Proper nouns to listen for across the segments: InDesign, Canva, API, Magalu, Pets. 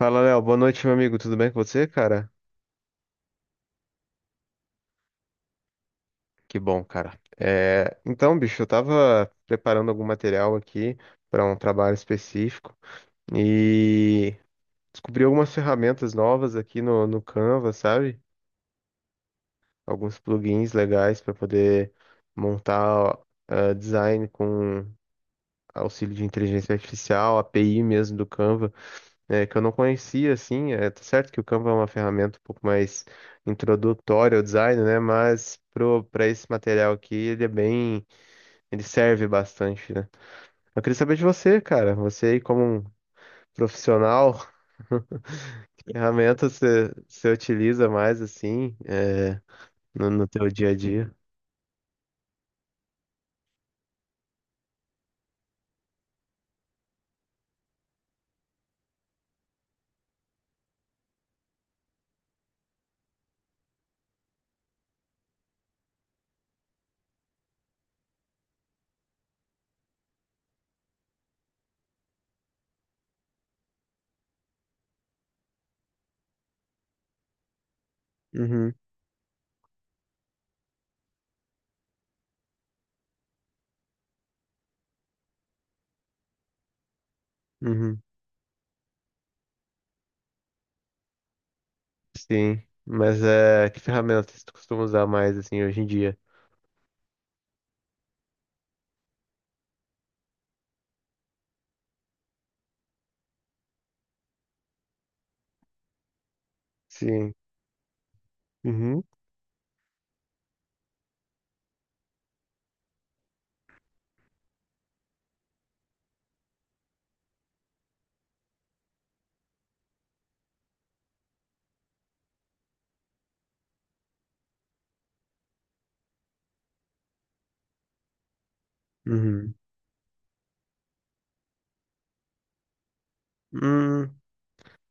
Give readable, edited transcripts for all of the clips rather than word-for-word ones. Fala, Léo. Boa noite, meu amigo. Tudo bem com você, cara? Que bom, cara. Então, bicho, eu tava preparando algum material aqui para um trabalho específico e descobri algumas ferramentas novas aqui no Canva, sabe? Alguns plugins legais para poder montar design com auxílio de inteligência artificial, API mesmo do Canva. Que eu não conhecia, assim, tá certo que o Canva é uma ferramenta um pouco mais introdutória ao design, né, mas pra esse material aqui, ele é bem, ele serve bastante, né. Eu queria saber de você, cara, você aí como um profissional, que ferramenta você utiliza mais, assim, no teu dia a dia? Uhum, uhum, sim, mas que ferramenta você costuma usar mais, assim, hoje em dia? Sim. Uhum. Uhum. Hum,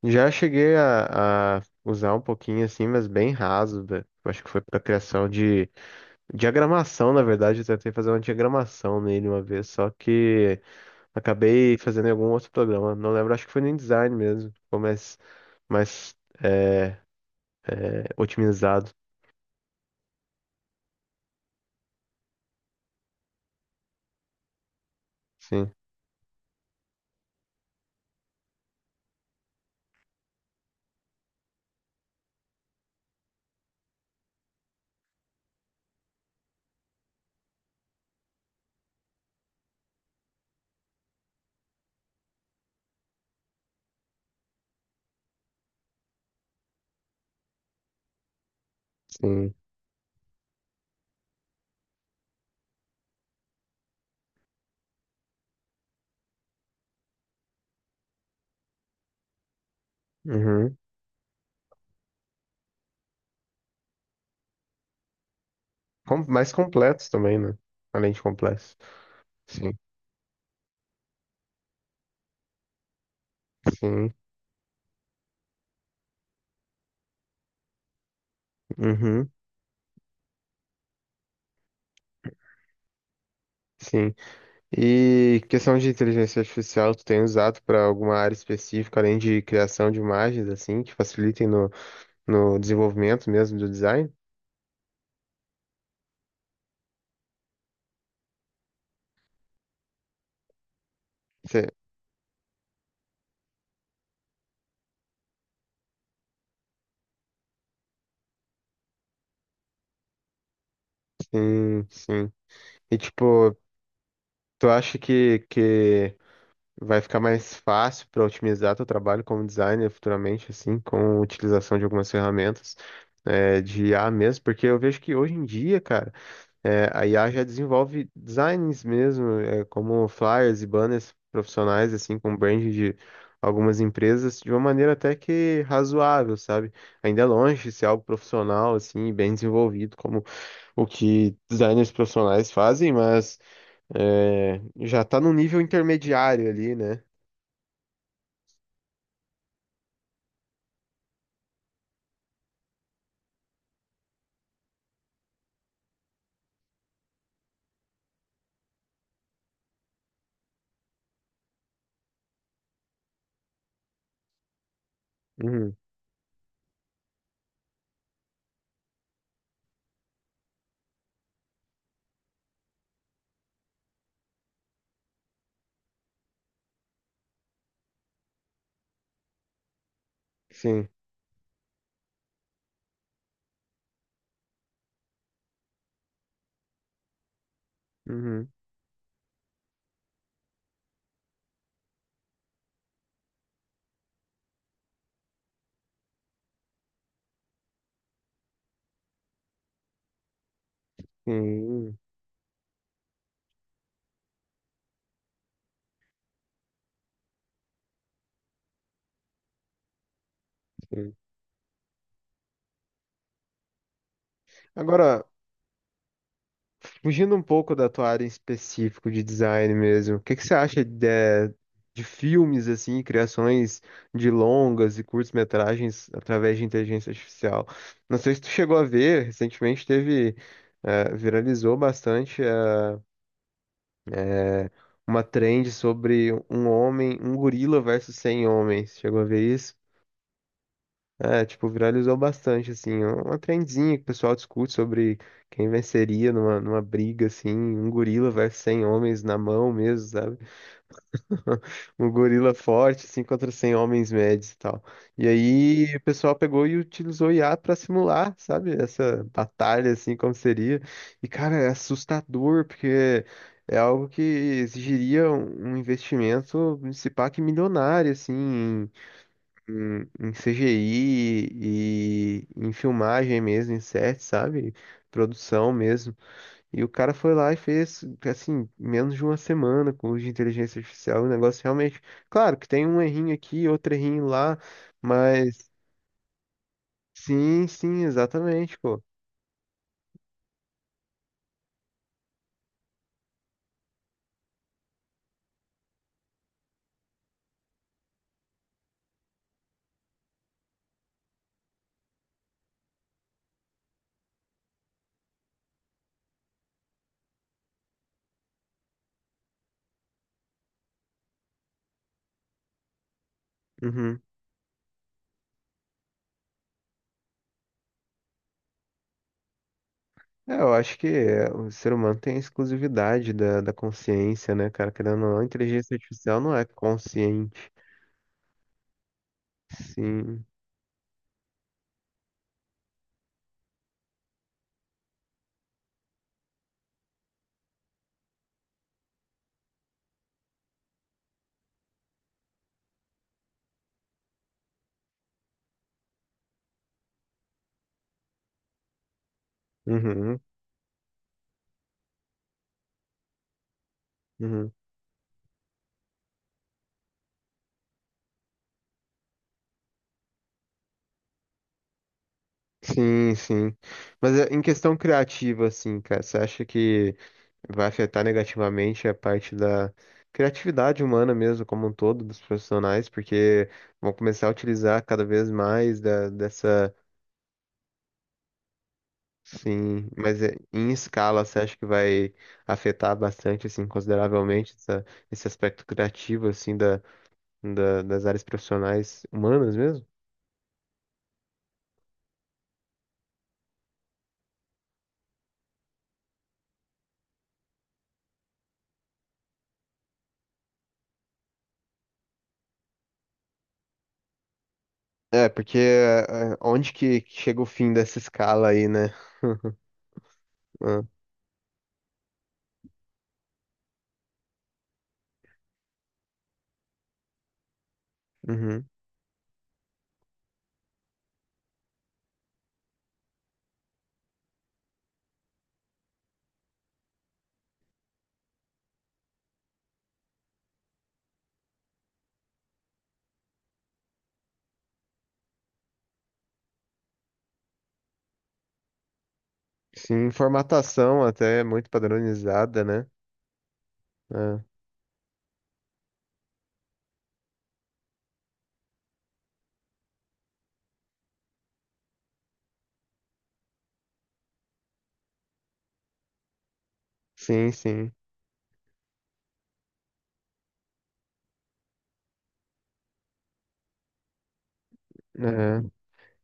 Já cheguei a usar um pouquinho assim, mas bem raso, né? Eu acho que foi para criação de diagramação, na verdade. Eu tentei fazer uma diagramação nele uma vez, só que acabei fazendo em algum outro programa. Não lembro, acho que foi no InDesign mesmo. Ficou mais, mais é, otimizado. Sim, sim. Uhum. Mais completos também, né? Além de complexos. Sim, sim. Uhum. Sim. E questão de inteligência artificial, tu tem usado para alguma área específica, além de criação de imagens, assim, que facilitem no desenvolvimento mesmo do design? Cê- Sim, sim. E, tipo, tu acha que vai ficar mais fácil para otimizar teu trabalho como designer futuramente, assim, com a utilização de algumas ferramentas, de IA mesmo? Porque eu vejo que hoje em dia, cara, a IA já desenvolve designs mesmo, como flyers e banners profissionais, assim, com brand de algumas empresas, de uma maneira até que razoável, sabe? Ainda é longe de ser algo profissional, assim, e bem desenvolvido, como o que designers profissionais fazem, mas é, já está num nível intermediário ali, né? Uhum, sim. Uhum, sim, sim. Agora, fugindo um pouco da tua área em específico de design mesmo, o que que você acha de, de filmes, assim, criações de longas e curtas-metragens através de inteligência artificial? Não sei se tu chegou a ver, recentemente teve, viralizou bastante, eh, uma trend sobre um gorila versus 100 homens. Chegou a ver isso? Tipo, viralizou bastante, assim, é uma trendzinha que o pessoal discute sobre quem venceria numa briga, assim, um gorila versus 100 homens na mão mesmo, sabe? Um gorila forte, assim, contra 100 homens médios e tal. E aí o pessoal pegou e utilizou IA pra simular, sabe? Essa batalha, assim, como seria. E, cara, é assustador, porque é algo que exigiria um investimento, se pá, que milionário, assim, em CGI e em filmagem mesmo, em set, sabe? Produção mesmo. E o cara foi lá e fez, assim, menos de uma semana com o de inteligência artificial. O negócio realmente. Claro que tem um errinho aqui, outro errinho lá, mas. Sim, sim, exatamente, pô. Uhum. Eu acho que o ser humano tem a exclusividade da consciência, né, cara? Querendo ou não, a inteligência artificial não é consciente. Sim. Uhum, uhum. Sim, sim. Mas em questão criativa, assim, cara, você acha que vai afetar negativamente a parte da criatividade humana mesmo, como um todo, dos profissionais, porque vão começar a utilizar cada vez mais dessa, sim, mas em escala, você acha que vai afetar bastante, assim, consideravelmente esse aspecto criativo, assim, das áreas profissionais humanas mesmo? Porque onde que chega o fim dessa escala aí, né? Ah, uhum. Sim, formatação até é muito padronizada, né? É, sim, sim.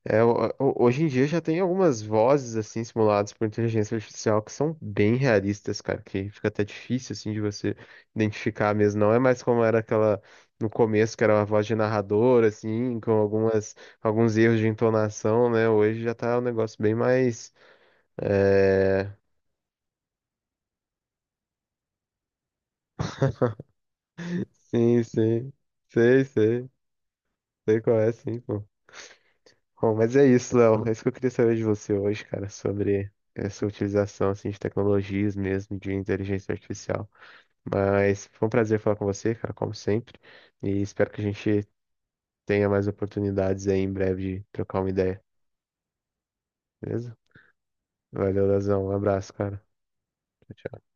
É, hoje em dia já tem algumas vozes assim simuladas por inteligência artificial que são bem realistas, cara, que fica até difícil assim de você identificar mesmo. Não é mais como era aquela no começo que era uma voz de narrador assim, com algumas alguns erros de entonação, né? Hoje já tá um negócio bem mais é... Sim, sim. Sei, sei. Sei qual é, sim, pô. Bom, mas é isso, Léo. É isso que eu queria saber de você hoje, cara, sobre essa utilização assim, de tecnologias mesmo, de inteligência artificial. Mas foi um prazer falar com você, cara, como sempre. E espero que a gente tenha mais oportunidades aí em breve de trocar uma ideia, beleza? Valeu, Leozão. Um abraço, cara. Tchau, tchau.